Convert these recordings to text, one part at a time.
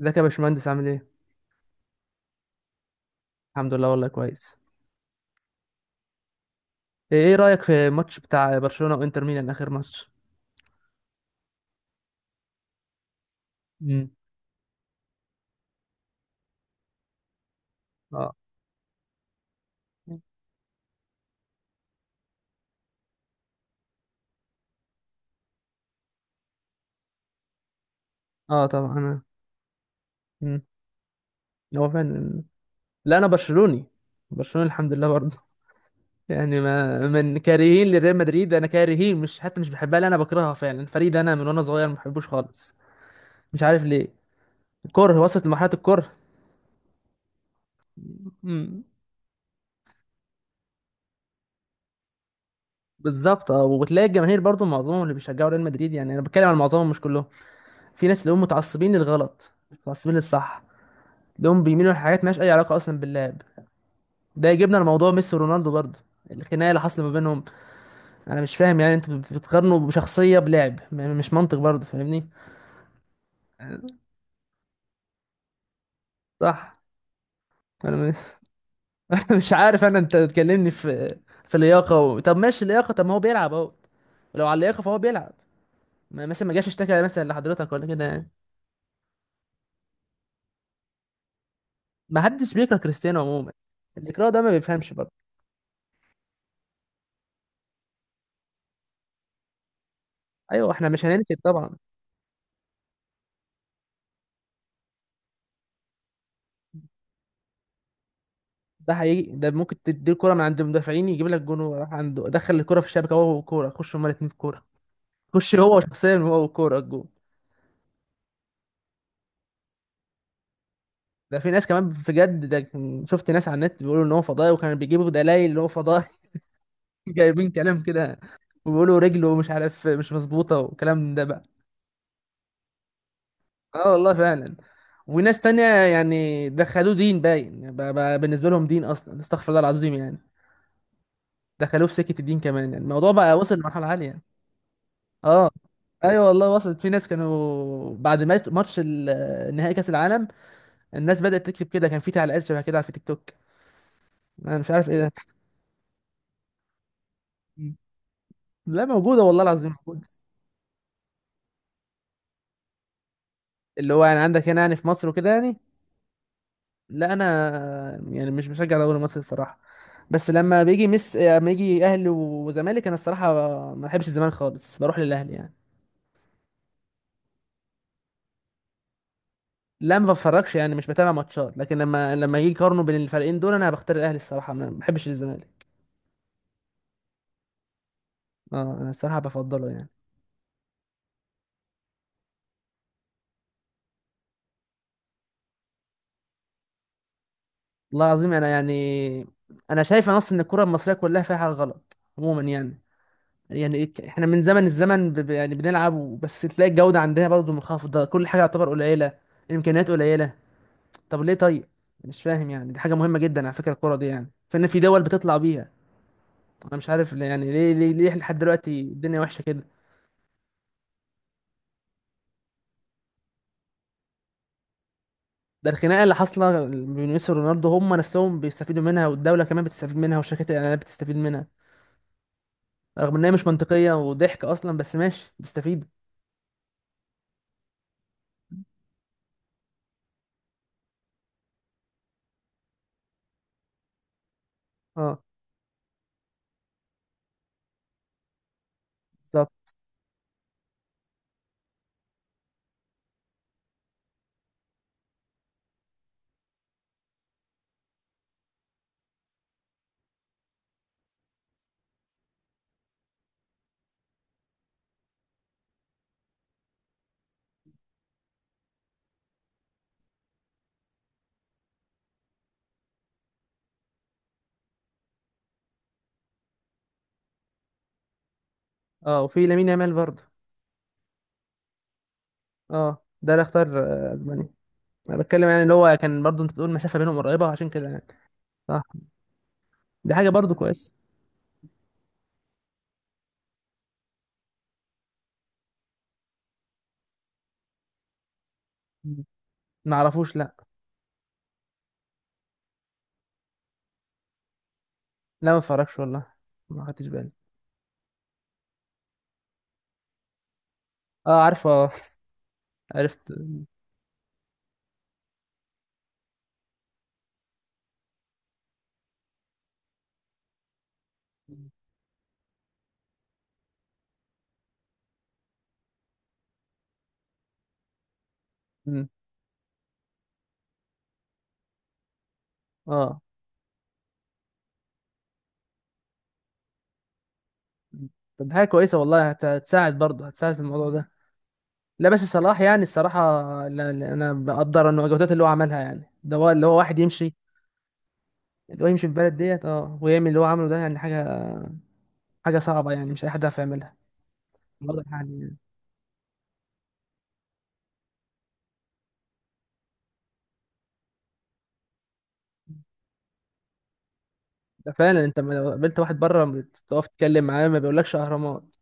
ازيك يا باشمهندس، عامل ايه؟ الحمد لله، والله كويس. إيه رأيك في الماتش بتاع برشلونة وانتر ميلان، اخر ماتش؟ مم. اه. اه طبعا انا. مم. هو فعلا. لا انا برشلوني. برشلونة الحمد لله برضه. يعني ما من كارهين لريال مدريد، انا كارهين، مش حتى مش بحبها، لا انا بكرهها فعلا، الفريق ده انا من وانا صغير ما بحبوش خالص. مش عارف ليه. كره وصلت لمرحلة الكره. مم. بالظبط. اه، وبتلاقي الجماهير برضه معظمهم اللي بيشجعوا ريال مدريد، يعني انا بتكلم عن معظمهم مش كلهم. في ناس اللي هم متعصبين للغلط، متعصبين للصح. تلاقيهم بيميلوا لحاجات مالهاش اي علاقه اصلا باللعب. ده يجيبنا لموضوع ميسي ورونالدو برضه. الخناقه اللي حاصله ما بينهم. انا مش فاهم يعني، انتوا بتقارنوا بشخصيه بلعب، مش منطق برضه، فاهمني؟ صح. انا م- مش عارف، انا انت تكلمني في في لياقه طب ماشي لياقه، طب ما هو بيلعب اهو. لو على اللياقه فهو بيلعب. مثلا ما جاش اشتكى مثلا لحضرتك ولا كده يعني. ما حدش بيكره كريستيانو عموما. الاكراه ده ما بيفهمش برضه. ايوه احنا مش هننكر طبعا. ده حقيقي، ده ممكن تدي الكرة من عند المدافعين يجيب لك جون، وراح عنده دخل الكرة في الشبكة، هو والكورة، خش هما الاتنين في الكورة. خش هو شخصيا هو والكورة الجون. ده في ناس كمان بجد ده شفت ناس على النت بيقولوا ان هو فضائي، وكانوا بيجيبوا دلائل ان هو فضائي. جايبين كلام كده. وبيقولوا رجله مش عارف مش مظبوطة والكلام ده بقى. اه والله فعلا. وناس تانية يعني دخلوه دين باين، بقى بالنسبة لهم دين، اصلا استغفر الله العظيم يعني. دخلوه في سكة الدين كمان، يعني الموضوع بقى وصل لمرحلة عالية. اه. ايوه والله، وصلت في ناس كانوا بعد ماتش نهائي كاس العالم، الناس بدات تكتب كده، كان في تعليقات شبه كده على في تيك توك. انا مش عارف ايه ده. مم. لا موجوده والله العظيم، موجوده. اللي هو يعني عندك هنا يعني في مصر وكده يعني. لا انا يعني مش بشجع دوري مصر الصراحه. بس لما بيجي مس لما يجي اهلي وزمالك، انا الصراحه ما بحبش الزمالك خالص، بروح للاهلي يعني. لا ما بتفرجش، يعني مش بتابع ماتشات، لكن لما يجي يقارنوا بين الفريقين دول انا بختار الاهلي الصراحه، انا ما بحبش الزمالك. اه انا الصراحه بفضله يعني. والله العظيم انا يعني، انا شايف اصلا ان الكره المصريه كلها فيها حاجه غلط عموما يعني. يعني احنا من زمن الزمن يعني بنلعب، بس تلاقي الجوده عندنا برضو منخفضه، كل حاجه يعتبر قليله. الامكانيات قليله. طب ليه طيب؟ مش فاهم يعني، دي حاجه مهمه جدا على فكره الكره دي يعني، فان في دول بتطلع بيها. انا مش عارف يعني ليه لحد دلوقتي الدنيا وحشه كده؟ ده الخناقه اللي حاصله بين ميسي ورونالدو هم نفسهم بيستفيدوا منها، والدوله كمان بتستفيد منها، وشركات الاعلانات بتستفيد منها. رغم ان هي مش منطقيه وضحك اصلا، بس ماشي بيستفيدوا. اه بالظبط. اه وفي لامين يامال برضه. اه ده اللي اختار. آه، اسبانيا. انا بتكلم يعني اللي هو كان برضه انت بتقول المسافه بينهم قريبه عشان كده يعني. صح. دي حاجه برضه كويسه. مم. ما اعرفوش، لا. لا ما اتفرجش والله، ما خدتش بالي. اه عارفه. آه. عرفت. مم. اه. مم. طب دي حاجه كويسه والله، هتساعد برضه، هتساعد في الموضوع ده. لا بس صلاح يعني الصراحه، لا- لا، انا بقدر انه الجهودات اللي هو عملها، يعني ده هو اللي هو واحد يمشي، اللي هو يمشي في البلد ديت، اه، ويعمل اللي هو عمله ده، يعني حاجه، حاجه صعبه، يعني مش اي حد يعرف يعملها. بقدر يعني. ده فعلا انت لما لو قابلت واحد بره تقف تتكلم معاه ما بيقولكش اهرامات،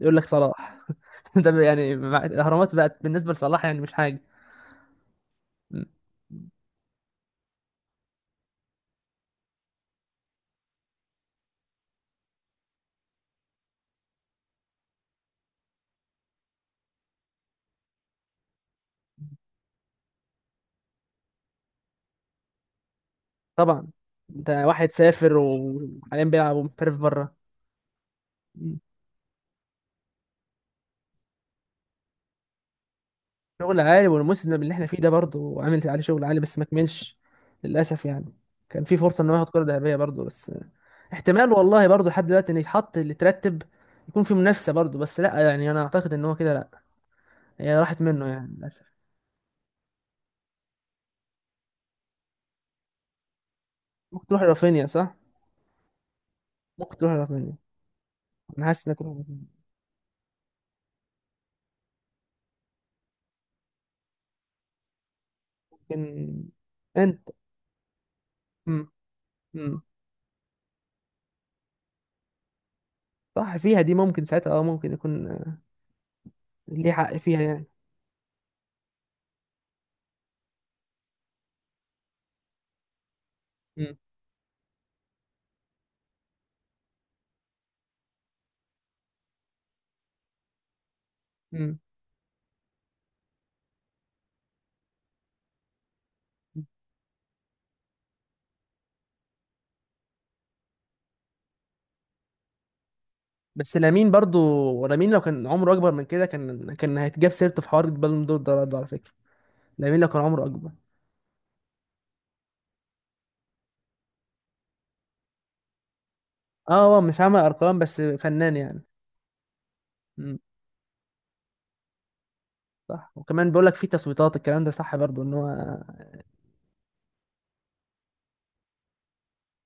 يقول لك صلاح. ده يعني، الاهرامات بقت بالنسبه لصلاح يعني مش حاجه. م. طبعا. انت واحد سافر وحاليا بيلعب ومحترف بره. م. شغل عالي، والموسم اللي احنا فيه ده برضه عامل عليه شغل عالي بس ما كملش، للاسف يعني. كان في فرصه ان هو ياخد كره ذهبيه برضه بس. احتمال والله برضه لحد دلوقتي ان يتحط اللي ترتب، يكون في منافسه برضه، بس لا يعني، انا اعتقد ان هو كده لا. هي راحت منه يعني للاسف. ممكن تروح لرافينيا، صح. ممكن تروح لغاية مني. انا حاسس انها تروح لغاية مني لكن. انت. امم. امم. صح فيها دي، ممكن ساعتها اه، ممكن يكون. آه، ليه حق فيها يعني. امم. امم. بس لامين برضو، لامين لو كان عمره اكبر من كده كان هيتجاب سيرته في حوار البالون دور ده برضه على فكره. لامين لو كان عمره اكبر. اه، هو مش عامل ارقام بس، فنان يعني. امم. صح، وكمان بيقول لك في تصويتات، الكلام ده صح برضو، ان هو.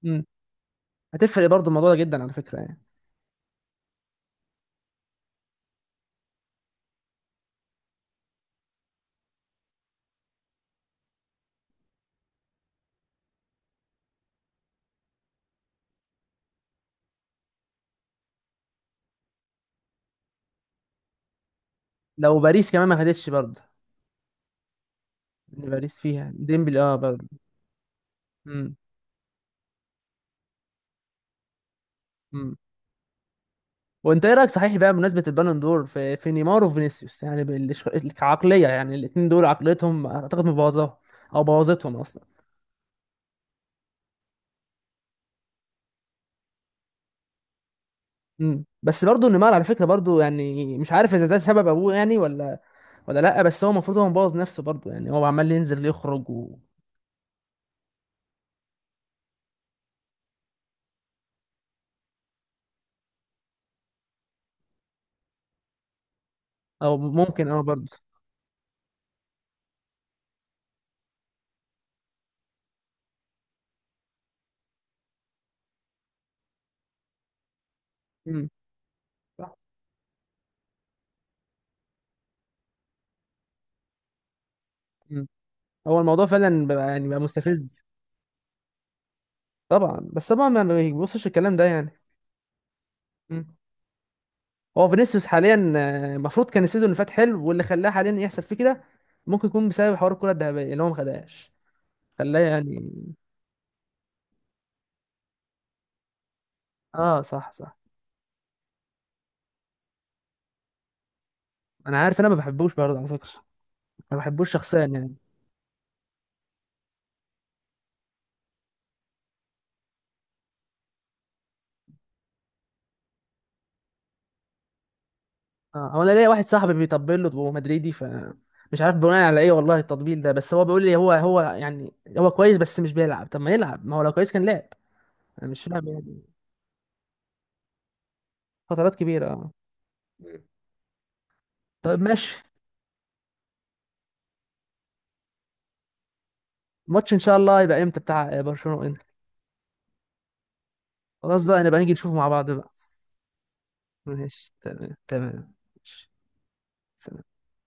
امم. هتفرق برضو الموضوع ده جدا على فكره يعني. لو باريس كمان ما خدتش برضو. إن باريس فيها ديمبلي اه برضو. امم. وانت ايه رايك صحيح بقى، بمناسبه البالون دور، في نيمار وفينيسيوس، يعني كعقليه يعني، الاثنين دول عقليتهم اعتقد مبوظاها، او بوظتهم اصلا. امم. بس برضه نيمار على فكره برضه يعني، مش عارف اذا ده سبب ابوه يعني، ولا. لا بس هو المفروض هو مبوظ نفسه برضه يعني، هو عمال ينزل يخرج او ممكن اه برضه. امم. صح. امم. هو الموضوع فعلا بقى يعني بقى مستفز. طبعا بس طبعا، ما بيبصش الكلام ده يعني. مم. هو فينيسيوس حاليا آه، المفروض كان السيزون اللي فات حلو، واللي خلاه حاليا يحصل فيه كده، ممكن يكون بسبب حوار الكرة الذهبية اللي هو ما خدهاش، خلاه يعني. اه صح صح. انا عارف انا ما بحبوش برضه على فكرة، ما بحبوش شخصيا يعني. اه هو، انا ليا واحد صاحبي بيطبل له وهو مدريدي، ف مش عارف بناء على ايه والله التطبيل ده، بس هو بيقول لي هو يعني، هو كويس بس مش بيلعب، طب ما يلعب، ما هو لو كويس كان لعب. انا مش فاهم يعني. فترات كبيرة اه. مم. طيب ماشي. الماتش ان شاء الله يبقى امتى بتاع برشلونة وانتر؟ خلاص بقى، نبقى نيجي نشوفه مع بعض بقى. ماشي تمام تمام ماشي.